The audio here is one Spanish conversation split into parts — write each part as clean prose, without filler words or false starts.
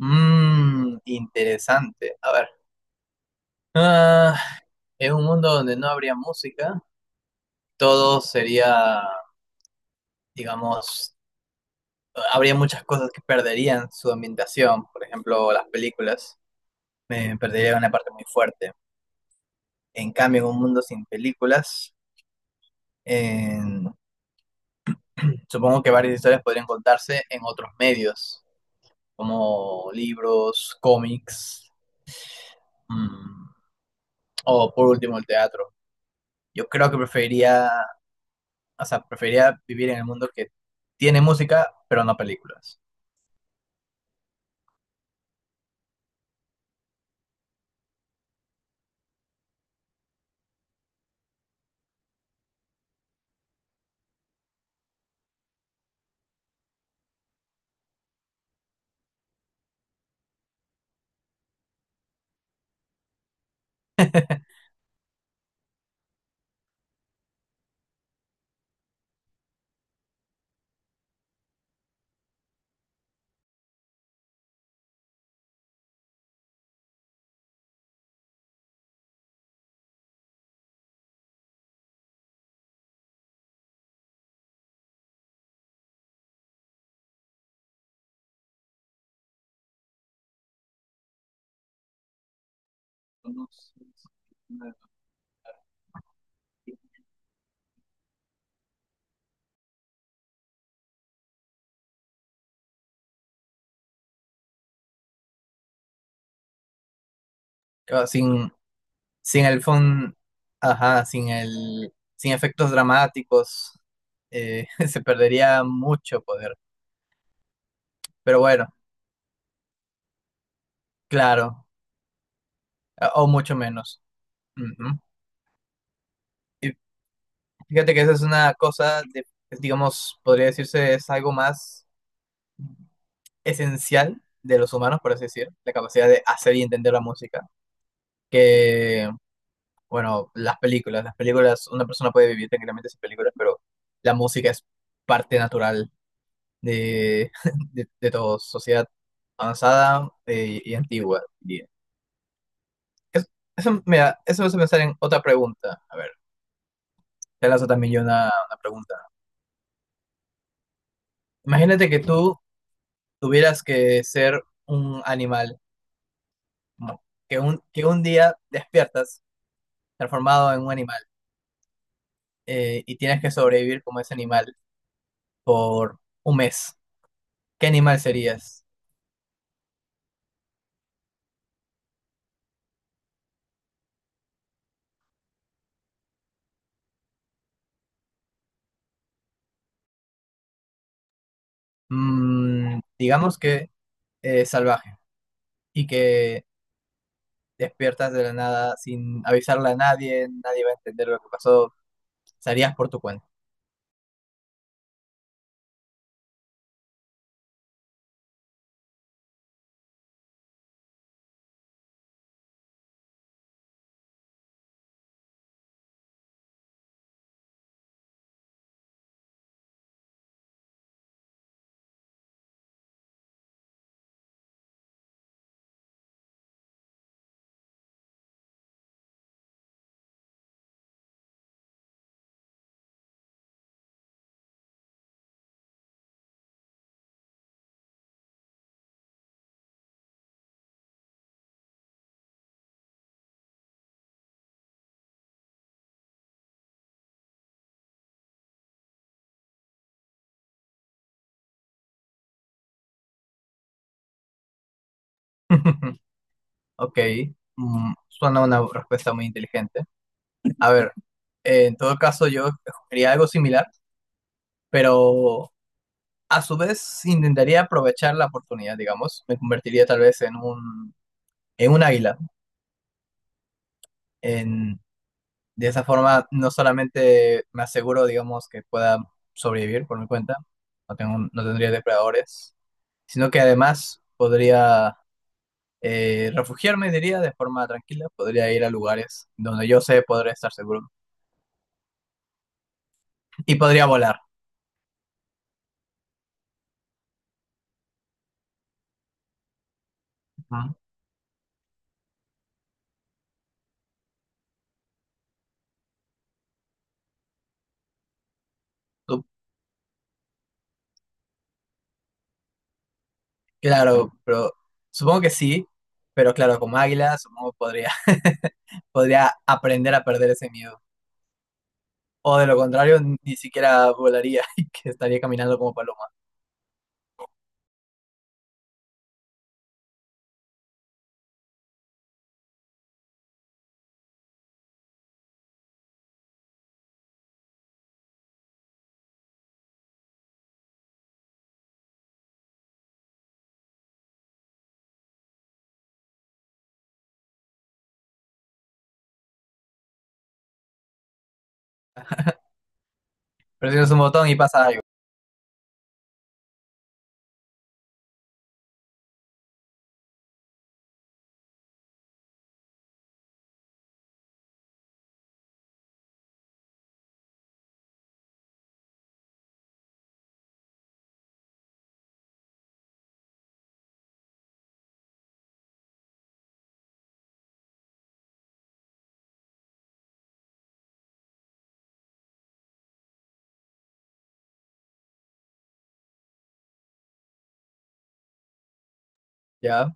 Interesante. A ver. Ah, es un mundo donde no habría música. Todo sería, digamos, habría muchas cosas que perderían su ambientación. Por ejemplo, las películas. Perderían una parte muy fuerte. En cambio, en un mundo sin películas, en- supongo que varias historias podrían contarse en otros medios, como libros, cómics, mm, o por último el teatro. Yo creo que preferiría vivir en el mundo que tiene música, pero no películas. O sin, sin el fun, ajá, sin el, sin efectos dramáticos, se perdería mucho poder. Pero bueno, claro, o mucho menos. Ujú. Fíjate que esa es una cosa, digamos, podría decirse es algo más esencial de los humanos, por así decir, la capacidad de hacer y entender la música, que bueno, las películas, una persona puede vivir tranquilamente sin películas, pero la música es parte natural de, de toda sociedad avanzada, y antigua, diría. Es- Eso, mira, eso me hace pensar en otra pregunta. A ver, te lanzo también yo una pregunta. Imagínate que tú tuvieras que ser un animal, como que un día despiertas transformado en un animal, y tienes que sobrevivir como ese animal por un mes. ¿Qué animal serías? Digamos que es salvaje y que despiertas de la nada sin avisarle a nadie, nadie va a entender lo que pasó, salías por tu cuenta. Ok, suena una respuesta muy inteligente. A ver, en todo caso yo escogería algo similar, pero a su vez intentaría aprovechar la oportunidad, digamos, me convertiría tal vez en un águila, en de esa forma, no solamente me aseguro, digamos, que pueda sobrevivir por mi cuenta, no tendría depredadores, sino que además podría, refugiarme, diría, de forma tranquila, podría ir a lugares donde yo sé podría estar seguro y podría volar. Ujú. Tú- Claro, pero supongo que sí, pero claro, como águila, supongo que podría, podría aprender a perder ese miedo. O de lo contrario, ni siquiera volaría y que estaría caminando como paloma. Presionas un botón y pasa algo, ¿ya?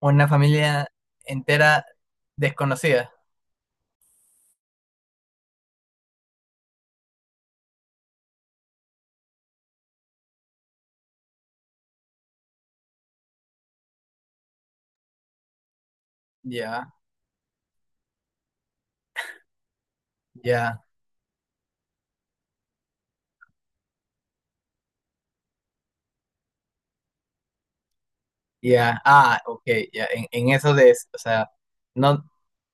Una familia entera desconocida. Ya, ya, ya. Ah, ok, ya. En eso de, o sea, no,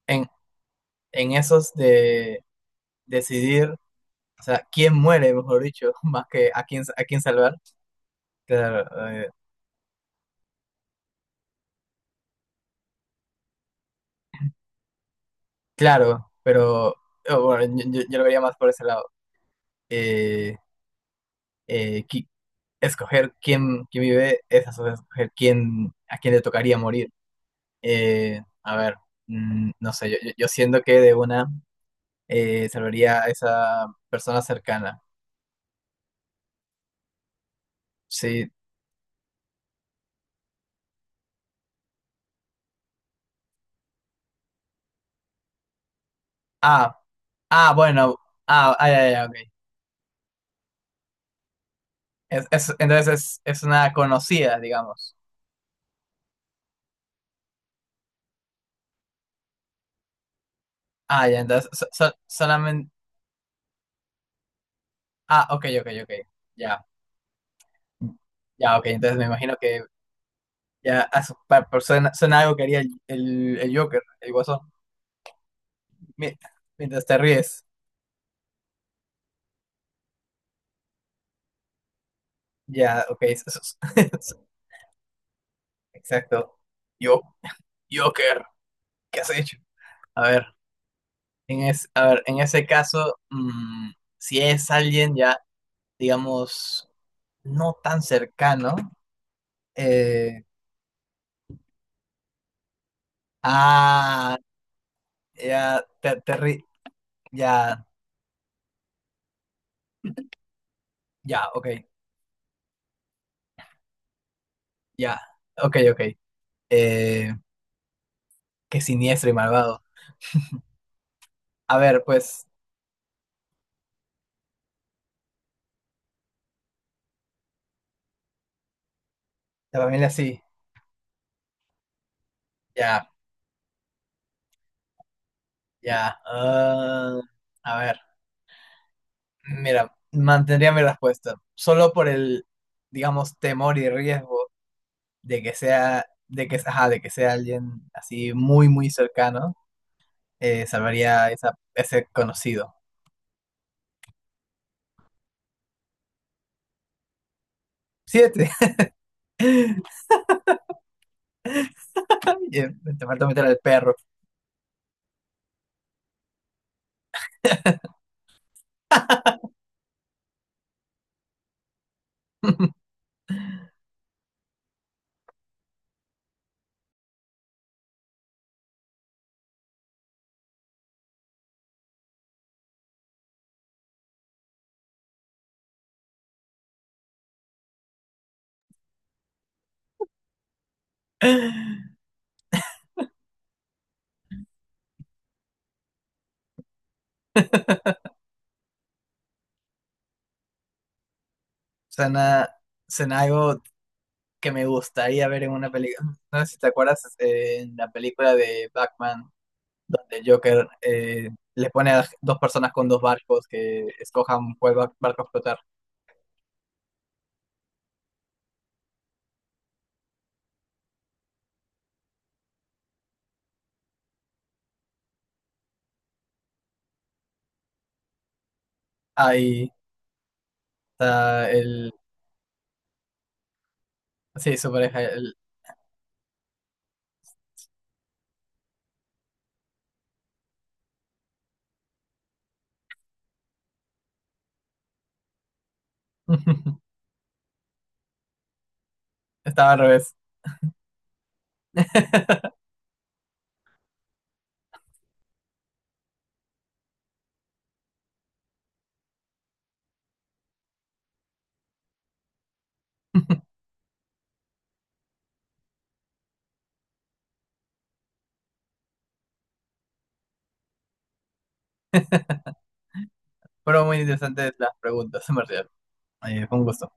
en, en esos de decidir, o sea, quién muere, mejor dicho, más que a quién salvar. Claro, claro, pero bueno, yo lo vería más por ese lado. Eh, eh, qui- Escoger quién, quién vive es a su vez escoger quién, a quién le tocaría morir. A ver, no sé, yo siento que de una, salvaría a esa persona cercana. Sí. Ah, ah, bueno. Ah, ah, ya, ya, ok. Entonces es una conocida, digamos. Ah, ya, entonces solamente... Ah, ok, ok, ok. Ya. Ya, ok. Entonces me imagino que ya a su- pa- pa- suena, suena algo que haría el Joker, el Guasón. Mi- Mientras te ríes. Ya, ok. Exacto. Yo, Joker, ¿qué has hecho? A ver. A ver, en ese caso, si es alguien ya, digamos, no tan cercano, eh, ah, ya, ya, ya, ok, ya, ok, ok, eh, qué siniestro y malvado. A ver, pues, la familia sí, ya, ya, ah, a ver, mira, mantendría mi respuesta, solo por el, digamos, temor y riesgo de que sea, ajá, de que sea alguien así muy, muy cercano, salvaría esa, ese conocido. Siete, ay, te falta meter al perro. Suena, suena algo que me gustaría ver en una película. No sé si te acuerdas, en la película de Batman, donde Joker, le pone a dos personas con dos barcos que escojan cuál barco explotar. Ahí está el. Sí, su pareja. Estaba al revés. Fueron muy interesantes las preguntas, en verdad. Fue un gusto.